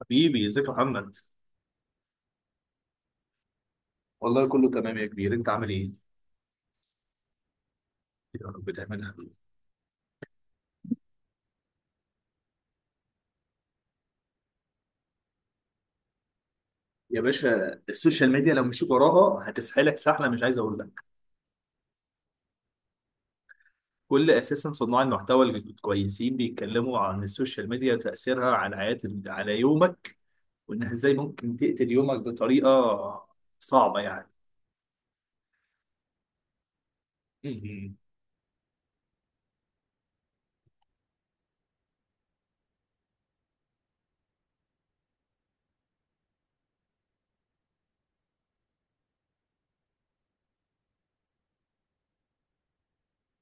حبيبي ازيك يا محمد. والله كله تمام يا كبير، انت عامل ايه؟ يا رب تعملها. يا باشا، السوشيال ميديا لو مشيت وراها هتسحلك سحله، مش عايز اقول لك. اساسا صناع المحتوى الكويسين بيتكلموا عن السوشيال ميديا وتاثيرها على حياه، على يومك، وانها ازاي ممكن تقتل يومك بطريقه صعبه يعني. مم.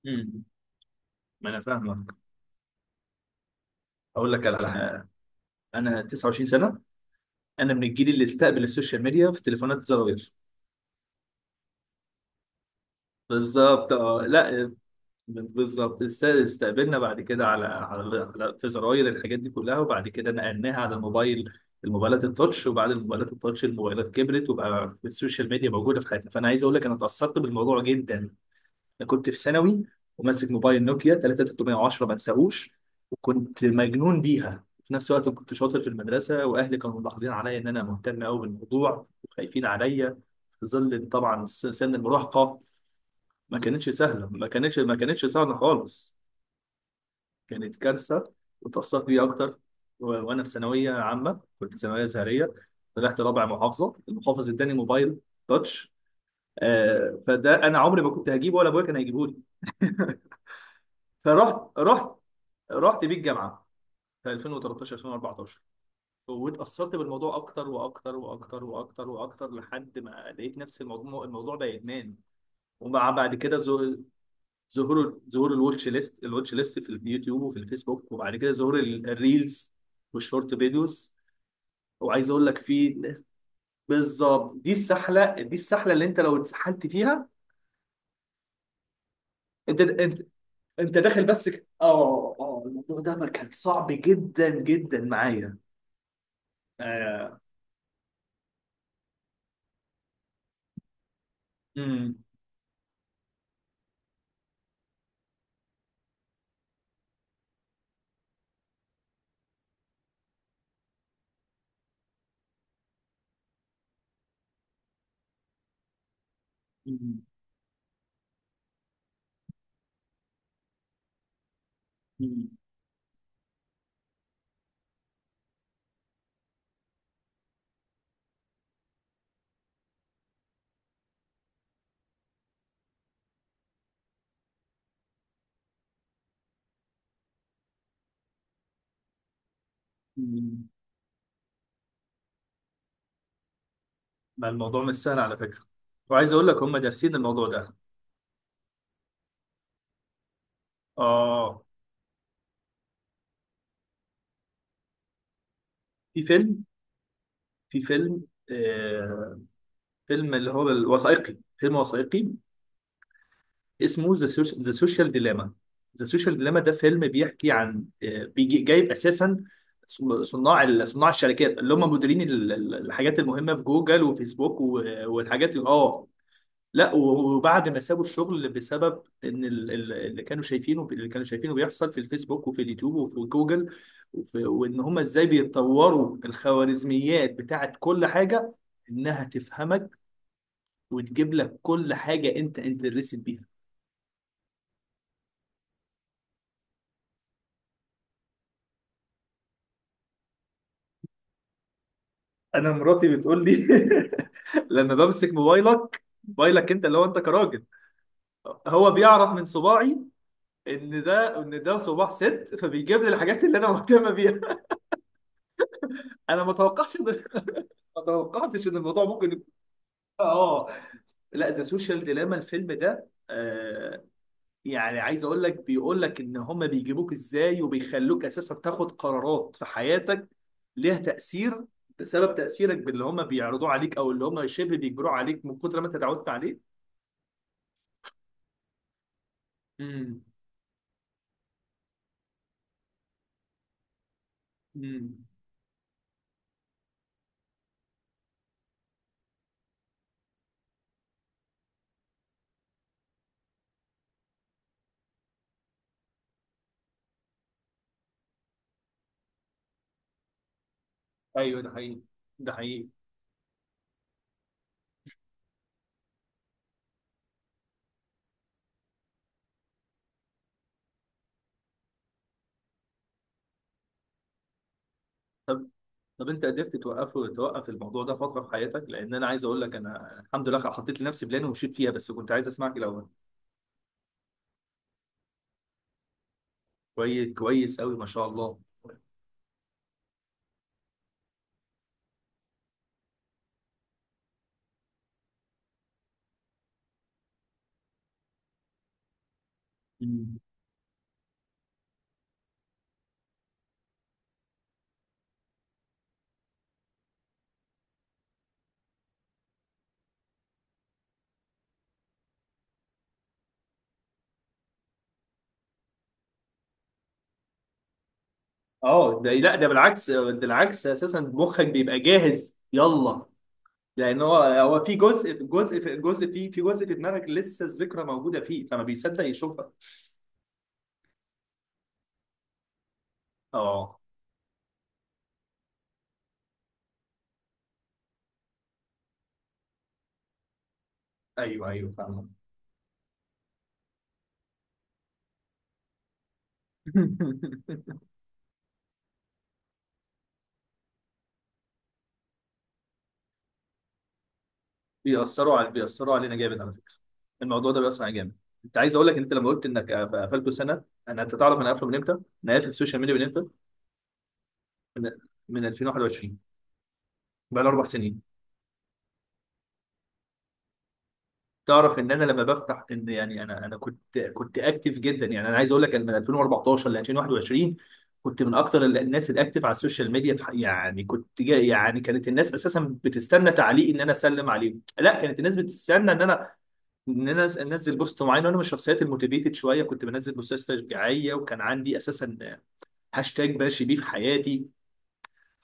مم. ما انا فاهمك. اقول لك على حاجه. انا 29 سنه. انا من الجيل اللي استقبل السوشيال ميديا في تليفونات زراير. بالظبط، لا، بالظبط استقبلنا بعد كده في زراير الحاجات دي كلها، وبعد كده نقلناها على الموبايلات التاتش، وبعد الموبايلات التاتش الموبايلات كبرت وبقى السوشيال ميديا موجوده في حياتنا. فانا عايز اقول لك انا اتاثرت بالموضوع جدا. انا كنت في ثانوي وماسك موبايل نوكيا 3310 ما انساهوش، وكنت مجنون بيها. في نفس الوقت كنت شاطر في المدرسه، واهلي كانوا ملاحظين عليا ان انا مهتم قوي بالموضوع وخايفين عليا في ظل طبعا سن المراهقه. ما كانتش سهله، ما كانتش سهله خالص. كانت كارثه. واتأثرت بيها اكتر. وانا في ثانويه عامه، كنت ثانويه ازهريه، طلعت رابع محافظه، المحافظ اداني موبايل تاتش. فده انا عمري ما كنت هجيبه ولا ابويا كان هيجيبه لي. فرحت، رحت بيه الجامعه في 2013 2014. واتأثرت بالموضوع اكتر واكتر واكتر واكتر واكتر لحد ما لقيت نفس الموضوع، الموضوع بقى ادمان. ومع بعد كده ظهور الواتش ليست في اليوتيوب وفي الفيسبوك، وبعد كده ظهور الريلز والشورت فيديوز. وعايز اقول لك، في بالظبط دي السحله اللي انت لو اتسحلت فيها، انت انت داخل. بس الموضوع ده ما كان صعب جدا جدا معايا. آه. مم. مم. مم. مم. ما الموضوع مش سهل على فكره. وعايز اقول لك هم دارسين الموضوع ده. اه، في فيلم، في فيلم اللي هو الوثائقي، فيلم وثائقي اسمه ذا، سوشيال ديلاما. ذا سوشيال ديلاما ده فيلم بيحكي عن بيجي جايب اساسا صناع الشركات اللي هم مديرين الحاجات المهمه في جوجل وفيسبوك والحاجات. اه، لا، وبعد ما سابوا الشغل بسبب ان اللي كانوا شايفينه، اللي كانوا شايفينه بيحصل في الفيسبوك وفي اليوتيوب وفي جوجل، وان هم ازاي بيتطوروا الخوارزميات بتاعت كل حاجه، انها تفهمك وتجيب لك كل حاجه انت انترست بيها. انا مراتي بتقول لي لما بمسك موبايلك، انت اللي هو انت كراجل، هو بيعرف من صباعي ان ده، ان ده صباع ست، فبيجيب لي الحاجات اللي انا مهتمه بيها. انا ما توقعش ان ما توقعتش ان الموضوع ممكن يكون. اه، آه. لا، ذا سوشيال ديلاما الفيلم ده، يعني عايز اقول لك بيقول لك ان هما بيجيبوك ازاي وبيخلوك اساسا تاخد قرارات في حياتك ليها تأثير، بسبب تأثيرك باللي هما بيعرضوه عليك، او اللي هما شبه بيجبروه عليك من كتر ما انت اتعودت عليه. امم. امم. ايوه ده حقيقي. ده حقيقي. طب، انت قدرت توقفه، توقف الموضوع ده فترة في حياتك؟ لان انا عايز اقول لك انا الحمد لله حطيت لنفسي بلان ومشيت فيها، بس كنت عايز اسمعك الاول. كويس، كويس قوي ما شاء الله. اه، ده، لا، ده بالعكس، ده العكس اساسا، مخك بيبقى جاهز، يلا. لان هو في جزء، في جزء في دماغك لسه الذكرى موجوده فيه، فما بيصدق يشوفها. اه. ايوه، ايوه، فاهم. بيأثروا علينا جامد على فكره. الموضوع ده بيأثر علينا جامد. انت عايز اقول لك، انت لما قلت انك قفلته سنه، انا، انت تعرف انا قافله من امتى؟ انا قافل السوشيال ميديا من امتى؟ من من 2021. بقى لي 4 سنين. تعرف ان انا لما بفتح، ان يعني انا كنت اكتف جدا. يعني انا عايز اقول لك أنا من 2014 ل 2021 كنت من اكتر الناس الاكتف على السوشيال ميديا في يعني كنت جا، يعني كانت الناس اساسا بتستنى تعليق، ان انا اسلم عليهم. لا، كانت الناس بتستنى ان انا، انزل بوست معين. وانا من الشخصيات الموتيفيتد شويه، كنت بنزل بوستات تشجيعيه، وكان عندي اساسا هاشتاج ماشي بيه في حياتي،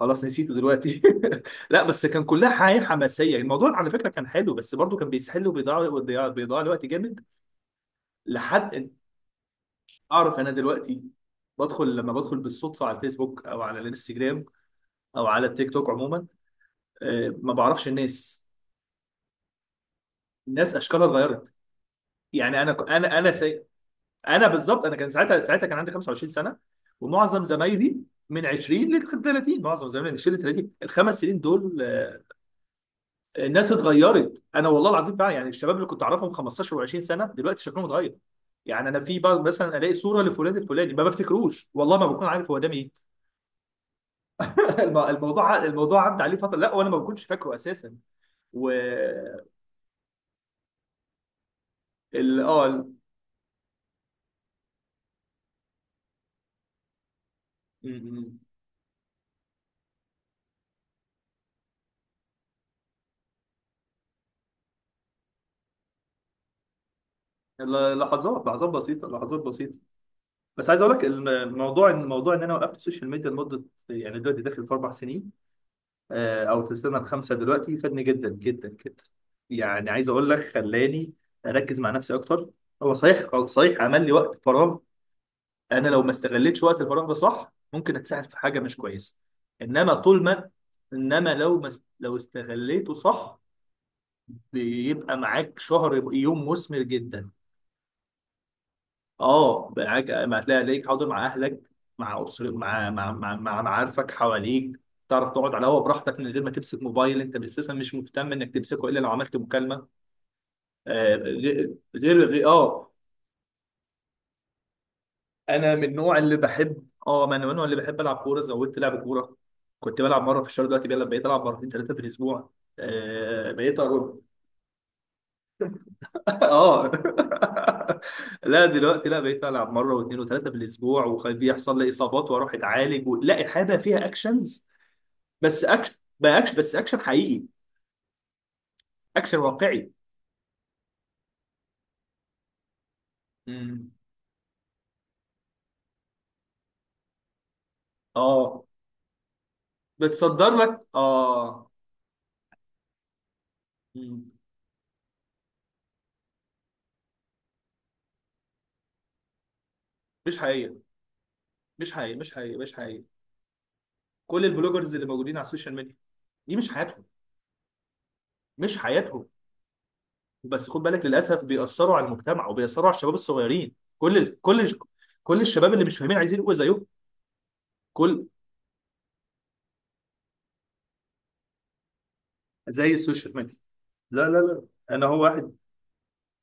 خلاص نسيته دلوقتي. لا بس كان كلها حياه حماسيه، الموضوع على فكره كان حلو، بس برضه كان بيسحل وبيضيع، بيضيع الوقت جامد. لحد، اعرف انا دلوقتي لما بدخل بالصدفه على الفيسبوك او على الانستجرام او على التيك توك عموما، ما بعرفش الناس، الناس اشكالها اتغيرت. يعني انا ك- انا انا سي... انا بالظبط. انا كان ساعتها، كان عندي 25 سنه، ومعظم زمايلي من 20 ل 30، معظم زمايلي من 20 ل 30 الخمس سنين دول، الناس اتغيرت. انا والله العظيم فعلا يعني الشباب اللي كنت اعرفهم 15 و20 سنه دلوقتي شكلهم اتغير. يعني انا في بعض، مثلا الاقي صوره لفلان الفلاني ما بفتكروش، والله ما بكون عارف هو ده مين. الموضوع الموضوع عدى عليه فتره، لا وانا ما كنتش فاكره اساسا. و ال اه ال- م- م. ال- لحظات، لحظات بسيطه. بس عايز اقول لك الموضوع ان، موضوع ان انا وقفت السوشيال ميديا لمده، يعني دلوقتي داخل في 4 سنين، او في السنه الخامسه دلوقتي، فادني جدا جدا جدا. يعني عايز اقول لك خلاني اركز مع نفسي اكتر، هو صحيح، صحيح عمل لي وقت فراغ. انا لو ما استغلتش وقت الفراغ ده صح، ممكن اتساعد في حاجه مش كويسه. انما طول ما، انما لو ما است- لو استغليته صح، بيبقى معاك شهر يوم مثمر جدا. اه معاك، ما هتلاقي عليك حاضر مع اهلك، مع اسر، مع مع مع, مع معارفك حواليك. تعرف تقعد على الهوا براحتك من غير ما تمسك موبايل، انت اساسا مش مهتم انك تمسكه الا لو عملت مكالمه. آه غير غير غير- اه انا من النوع اللي بحب، ما انا من النوع اللي بحب العب كوره، زودت لعب كوره. كنت بلعب مره في الشهر، دلوقتي بقيت العب مرتين ثلاثه في الاسبوع. آه، بقيت اروح. اه. لا، دلوقتي، لا، بقيت العب مره واثنين وثلاثه في الاسبوع، وبيحصل لي اصابات واروح اتعالج لا الحياه بقى فيها اكشنز، بس اكشن، بقى اكشن، بس اكشن حقيقي، اكشن واقعي. امم. اه، بتصدر لك، اه. مم. مش حقيقي مش حقيقي مش حقيقي. كل البلوجرز اللي موجودين على السوشيال ميديا دي مش حياتهم. مش حياتهم. بس خد بالك، للاسف بيأثروا على المجتمع وبيأثروا على الشباب الصغيرين. كل كل الشباب اللي مش فاهمين عايزين يبقوا زيهم، كل، زي السوشيال ميديا. لا، لا، لا. انا هو واحد.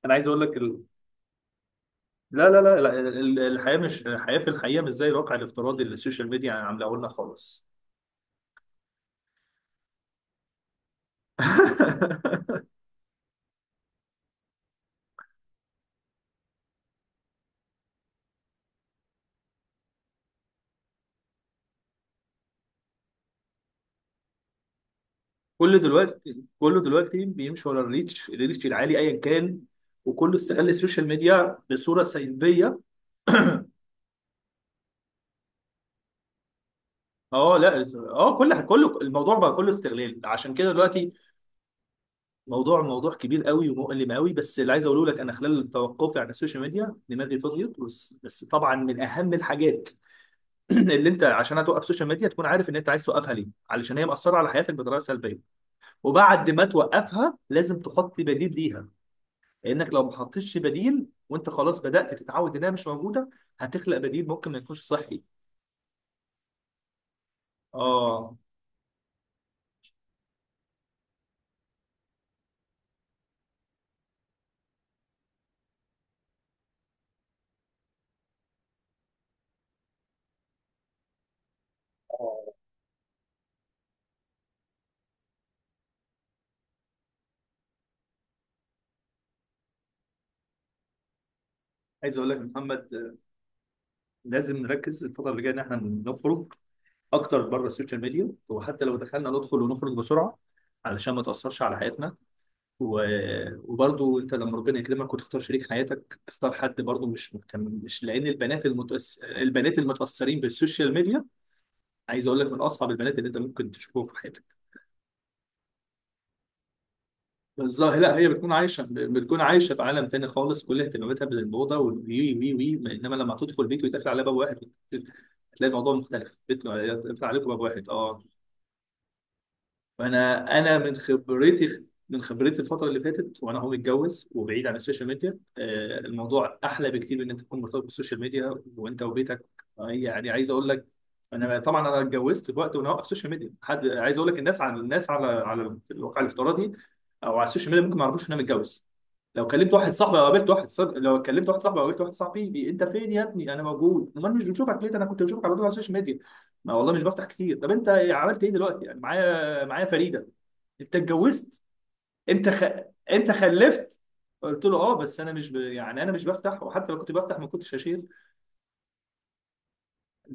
انا عايز اقول لك لا، لا، لا، لا، الحياه مش، الحياه في الحقيقه مش زي الواقع الافتراضي اللي السوشيال ميديا عاملاه لنا خالص. كل دلوقتي كله دلوقتي بيمشي ورا الريتش، الريتش العالي ايا كان، وكله استغل السوشيال ميديا بصوره سلبيه. اه، لا، اه، كل، كله الموضوع بقى كله استغلال، عشان كده دلوقتي موضوع كبير قوي ومؤلم قوي. بس اللي عايز اقوله لك انا خلال توقفي على السوشيال ميديا دماغي فضيت، بس طبعا من اهم الحاجات اللي انت عشان هتوقف السوشيال ميديا تكون عارف ان انت عايز توقفها ليه، علشان هي مأثره على حياتك بطريقه سلبيه. وبعد ما توقفها لازم تحط بديل ليها، لانك لو ما حطيتش بديل وانت خلاص بدأت تتعود انها مش موجوده، هتخلق بديل ممكن ما يكونش صحي. اه. عايز اقول لك يا محمد، لازم نركز الفترة اللي جاية إن إحنا نخرج أكتر بره السوشيال ميديا، وحتى لو دخلنا ندخل ونخرج بسرعة علشان ما تأثرش على حياتنا. و... وبرضو أنت لما ربنا يكرمك وتختار شريك حياتك، اختار حد برضو مش مهتم. مش لأن البنات البنات المتأثرين بالسوشيال ميديا، عايز أقول لك، من أصعب البنات اللي أنت ممكن تشوفهم في حياتك. بالظبط، لا، هي بتكون عايشة، بتكون عايشة في عالم تاني خالص، كل اهتماماتها بالموضة والوي وي وي. إنما لما تدخل بيت ويتقفل عليها باب واحد، هتلاقي الموضوع مختلف. بيت يقفل عليكم باب واحد، اه. فانا من خبرتي، من خبرتي الفتره اللي فاتت وانا متجوز وبعيد عن السوشيال ميديا، الموضوع احلى بكتير ان انت تكون مرتبط بالسوشيال ميديا وانت وبيتك. يعني عايز اقول لك، انا طبعا انا اتجوزت في وقت وانا واقف سوشيال ميديا، حد عايز اقول لك الناس على، الناس على الواقع الافتراضي او على السوشيال ميديا ممكن ما يعرفوش ان انا متجوز. لو كلمت واحد صاحبي او قابلت واحد صاحبي، لو كلمت واحد صاحبي او قابلت واحد صاحبي انت فين يا ابني، انا موجود، امال مش بنشوفك ليه؟ ده انا كنت بشوفك على طول على السوشيال ميديا. ما والله مش بفتح كتير. طب انت عملت ايه دلوقتي؟ يعني معايا، معايا فريده. انت اتجوزت. انت خ... انت خلفت. قلت له، اه، بس انا مش ب... يعني انا مش بفتح، وحتى لو كنت بفتح ما كنتش هشير.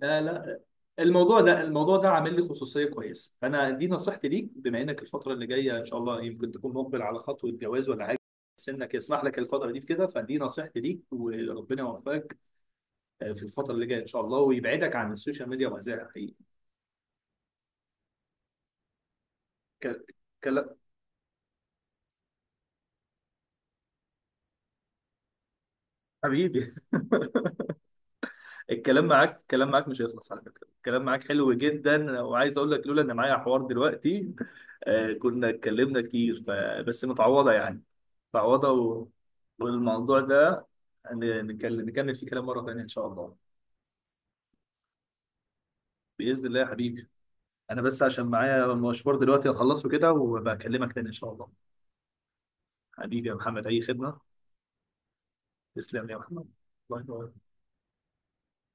لا، لا. الموضوع ده، الموضوع ده عامل لي خصوصيه كويسه. فانا دي نصيحتي ليك، بما انك الفتره اللي جايه ان شاء الله يمكن تكون مقبل على خطوه جواز ولا حاجه، سنك يسمح لك الفتره دي في كده، فدي نصيحتي ليك. وربنا يوفقك في الفتره اللي جايه ان شاء الله، ويبعدك عن السوشيال ميديا، وهذا حقيقي. ك... كلا- حبيبي. الكلام معاك، الكلام معاك مش هيخلص على فكرة. الكلام معاك حلو جدا، وعايز اقول لك لولا ان معايا حوار دلوقتي، كنا اتكلمنا كتير بس متعوضة يعني، متعوضة والموضوع ده نتكلم نكمل فيه كلام مرة تانية ان شاء الله. بإذن الله يا حبيبي. انا بس عشان معايا مشوار دلوقتي اخلصه كده، وبكلمك تاني ان شاء الله. حبيبي يا محمد، اي خدمة. تسلم لي يا محمد. الله يبارك.